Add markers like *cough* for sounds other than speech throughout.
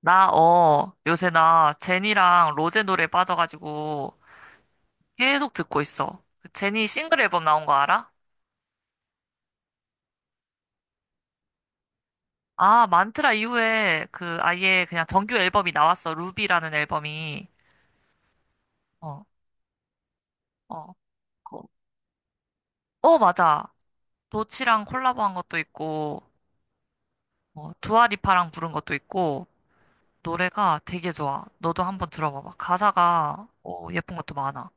요새 나 제니랑 로제 노래 빠져가지고 계속 듣고 있어. 그 제니 싱글 앨범 나온 거 알아? 아, 만트라 이후에 그 아예 그냥 정규 앨범이 나왔어. 루비라는 앨범이. 어, 어. 그- 어, 맞아. 도치랑 콜라보한 것도 있고, 어, 두아리파랑 부른 것도 있고, 노래가 되게 좋아. 너도 한번 들어봐봐. 가사가, 예쁜 것도 많아.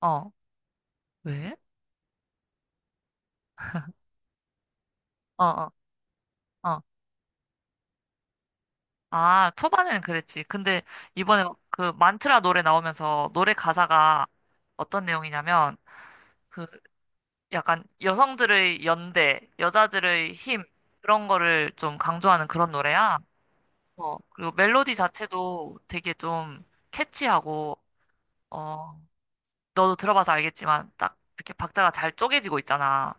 어, 왜? 어, 어, 어. 아, 초반에는 그랬지. 근데 이번에 막그 만트라 노래 나오면서 노래 가사가 어떤 내용이냐면 그 약간 여성들의 연대, 여자들의 힘 그런 거를 좀 강조하는 그런 노래야. 어, 그리고 멜로디 자체도 되게 좀 캐치하고 어, 너도 들어봐서 알겠지만 딱 이렇게 박자가 잘 쪼개지고 있잖아.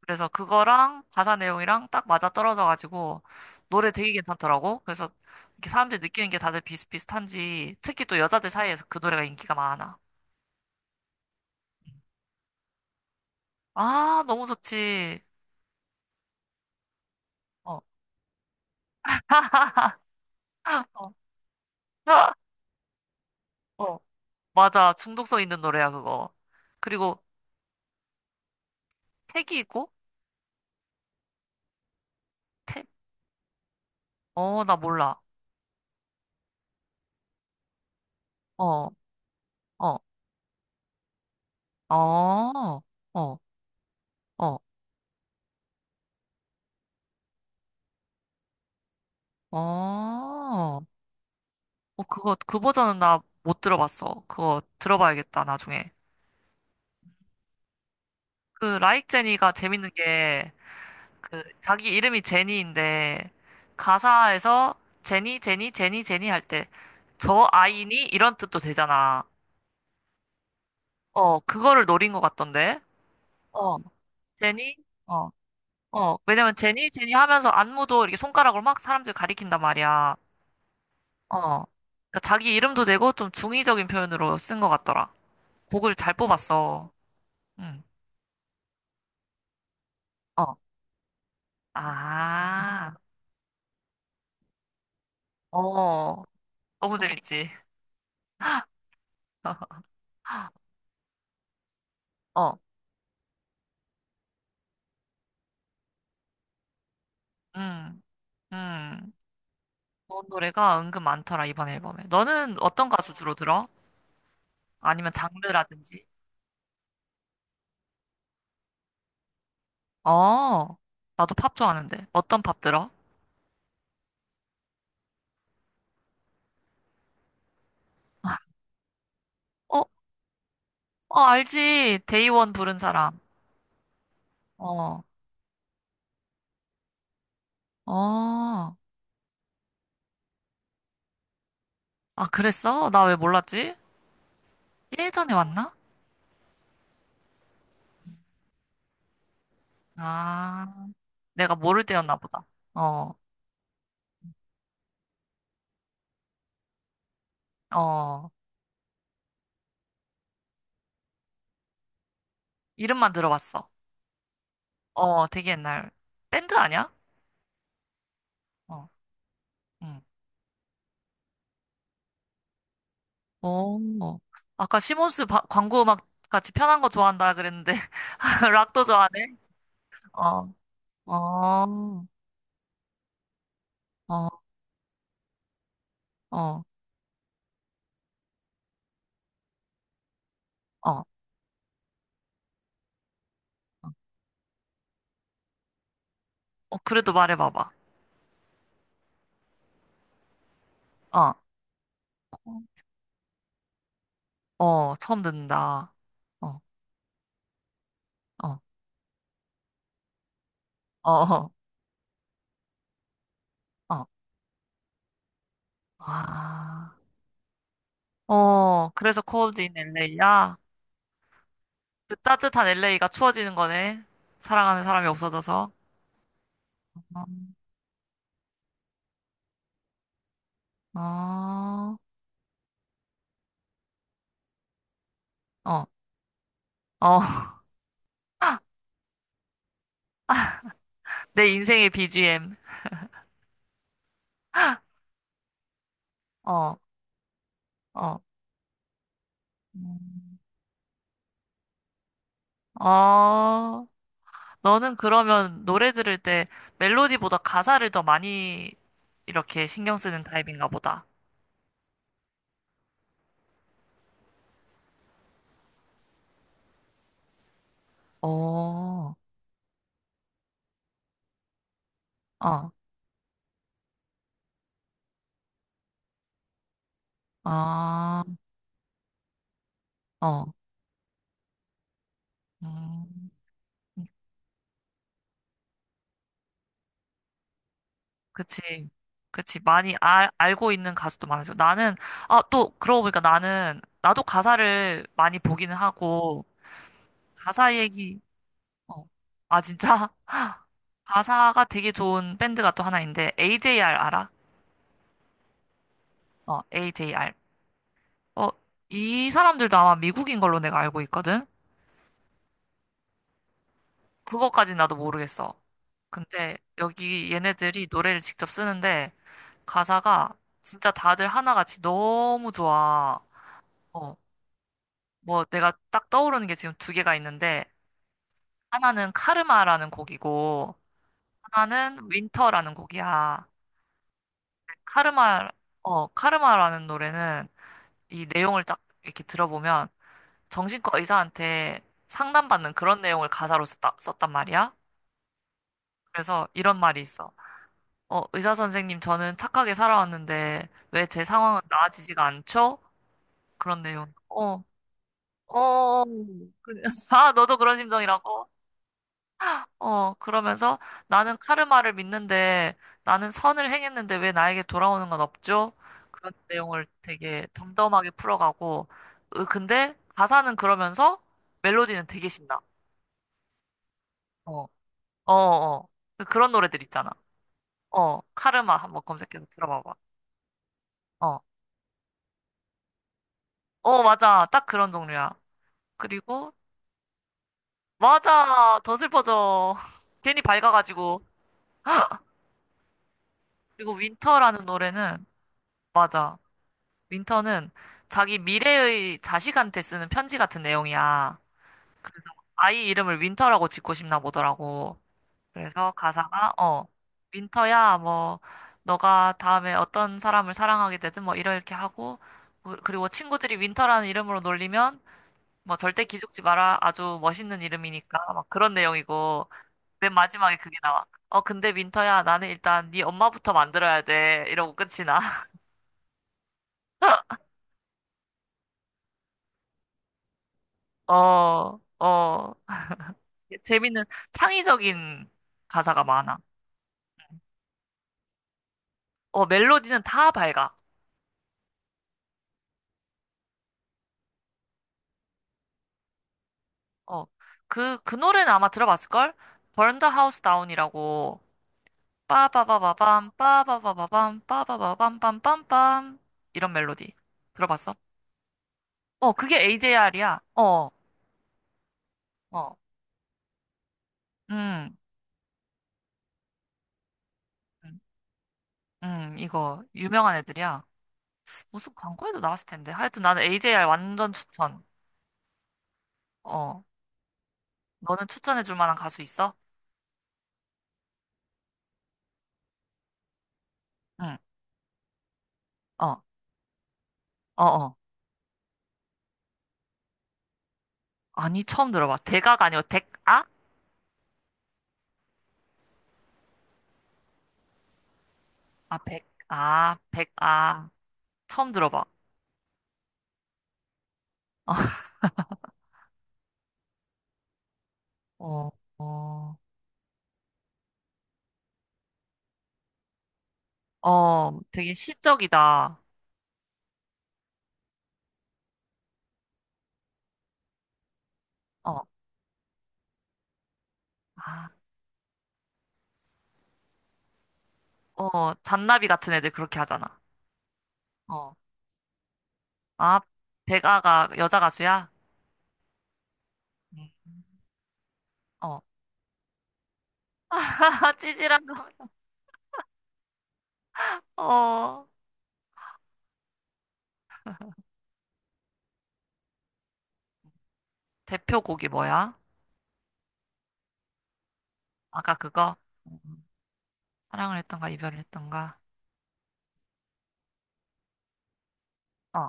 그래서 그거랑 가사 내용이랑 딱 맞아떨어져가지고 노래 되게 괜찮더라고. 그래서 이렇게 사람들이 느끼는 게 다들 비슷비슷한지 특히 또 여자들 사이에서 그 노래가 인기가 많아. 아, 너무 좋지. 어. 어, *laughs* 어. 맞아. 중독성 있는 노래야, 그거. 그리고 택이 있고, 택? 어, 나 몰라. 어, 어, 어, 어, 어, 어. 어, 그거, 그 버전은 나 못 들어봤어. 그거 들어봐야겠다, 나중에. 그 라이크 제니가 재밌는 게 그 자기 이름이 제니인데 가사에서 제니 제니 제니 제니 할 때 저 아이니 이런 뜻도 되잖아. 어, 그거를 노린 것 같던데. 어, 제니. 어. 어, 왜냐면 제니 제니 하면서 안무도 이렇게 손가락으로 막 사람들 가리킨단 말이야. 어, 그러니까 자기 이름도 되고 좀 중의적인 표현으로 쓴 것 같더라. 곡을 잘 뽑았어. 응. 어. 아. 어. 너무 재밌지. 어. 응. 음. 좋은 노래가 은근 많더라, 이번 앨범에. 너는 어떤 가수 주로 들어? 아니면 장르라든지? 어, 나도 팝 좋아하는데. 어떤 팝 들어? 어, 어, 알지. 데이원 부른 사람. 어, 어. 아, 그랬어? 나 왜 몰랐지? 예전에 왔나? 아, 내가 모를 때였나 보다. 어, 어. 이름만 들어봤어. 어, 되게 옛날. 밴드 아니야? 어, 응. 어, 아까 시몬스 광고 음악 같이 편한 거 좋아한다 그랬는데. *laughs* 락도 좋아하네? 어, 어, 어, 어, 어. 어, 그래도 말해봐봐. 어, 어, 처음 듣는다. 어, 어, 어, 어, 어. 아, 어, 그래서 cold in LA야? 그 따뜻한 LA가 추워지는 거네. 사랑하는 사람이 없어져서. 어, 어, 어, 어. *laughs* 내 인생의 BGM. 어, 어, 음, 어. 너는 그러면 노래 들을 때 멜로디보다 가사를 더 많이 이렇게 신경 쓰는 타입인가 보다. 어, 어, 아, 어, 음, 그치. 그치. 많이 알고 있는 가수도 많아져. 나는, 아, 또, 그러고 보니까 나도 가사를 많이 보기는 하고, 가사 얘기, 어, 아, 진짜? *laughs* 가사가 되게 좋은 밴드가 또 하나 있는데, AJR 알아? 어, AJR. 어, 이 사람들도 아마 미국인 걸로 내가 알고 있거든? 그거까지 나도 모르겠어. 근데 여기 얘네들이 노래를 직접 쓰는데 가사가 진짜 다들 하나같이 너무 좋아. 어, 뭐 내가 딱 떠오르는 게 지금 두 개가 있는데 하나는 카르마라는 곡이고 하나는 윈터라는 곡이야. 카르마, 어, 카르마라는 노래는 이 내용을 딱 이렇게 들어보면 정신과 의사한테 상담받는 그런 내용을 가사로 썼단 말이야. 그래서 이런 말이 있어. 의사 선생님, 저는 착하게 살아왔는데 왜 제 상황은 나아지지가 않죠? 그런 내용. 어, 어, 어. 그- *laughs* 아, 너도 그런 심정이라고? 어, 그러면서 나는 카르마를 믿는데 나는 선을 행했는데 왜 나에게 돌아오는 건 없죠? 그런 내용을 되게 덤덤하게 풀어가고, 으, 근데 가사는 그러면서 멜로디는 되게 신나. 어, 어, 어. 그 그런 노래들 있잖아. 어, 카르마 한번 검색해서 들어봐봐. 어. 어, 맞아. 딱 그런 종류야. 그리고, 맞아. 더 슬퍼져. *laughs* 괜히 밝아가지고. 그리고 윈터라는 노래는, 맞아. 윈터는 자기 미래의 자식한테 쓰는 편지 같은 내용이야. 그래서 아이 이름을 윈터라고 짓고 싶나 보더라고. 그래서 가사가, 윈터야, 뭐, 너가 다음에 어떤 사람을 사랑하게 되든 뭐 이렇게 하고, 그리고 친구들이 윈터라는 이름으로 놀리면, 뭐 절대 기죽지 마라. 아주 멋있는 이름이니까. 막 그런 내용이고. 맨 마지막에 그게 나와. 어, 근데 윈터야, 나는 일단 네 엄마부터 만들어야 돼. 이러고 끝이 나. *laughs* 어, 어. 재밌는 창의적인 가사가 많아. 어, 멜로디는 다 밝아. 어, 그 노래는 아마 들어봤을걸? Burn the House Down이라고. 빠바바바밤, 빠바바바밤, 빠바바밤빰빰빰빰. 이런 멜로디. 들어봤어? 어, 그게 AJR이야. 어, 어. 음, 음, 이거 유명한 애들이야. 무슨 광고에도 나왔을 텐데. 하여튼 나는 AJR 완전 추천. 어. 너는 추천해 줄 만한 가수 있어? 응. 어. 어, 어. 아니, 처음 들어봐. 대가가 아니고 백아? 아, 아, 백. 아, 백아. 처음 들어봐. 어. 어. 어, 되게 시적이다. 어. 아. 어, 잔나비 같은 애들 그렇게 하잖아. 어. 아, 백아가 여자 가수야? 응. 어. *laughs* 찌질한 거. 하면서. 어. 대표곡이 뭐야? 아까 그거? 음. 사랑을 했던가 이별을 했던가. 어.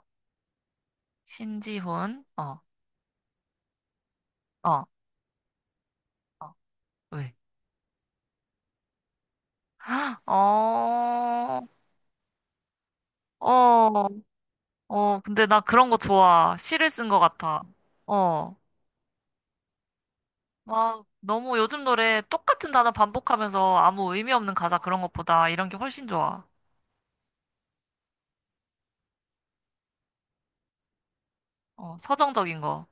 신지훈. 어. 어. 어. 왜? *gasps* 어. 어. 어. 근데 나 그런 거 좋아. 시를 쓴 거 같아. 어. 막 너무 요즘 노래 똑같은 단어 반복하면서 아무 의미 없는 가사 그런 것보다 이런 게 훨씬 좋아. 어. 서정적인 거.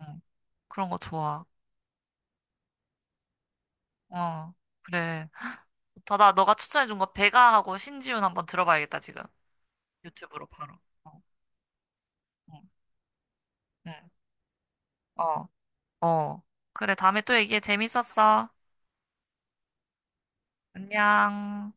응. 그런 거 좋아. 어. 그래. 다다 너가 추천해준 거 배가하고 신지훈 한번 들어봐야겠다 지금. 유튜브로 바로. 어. 응. 응. 어. 어. 그래, 다음에 또 얘기해. 재밌었어. 안녕.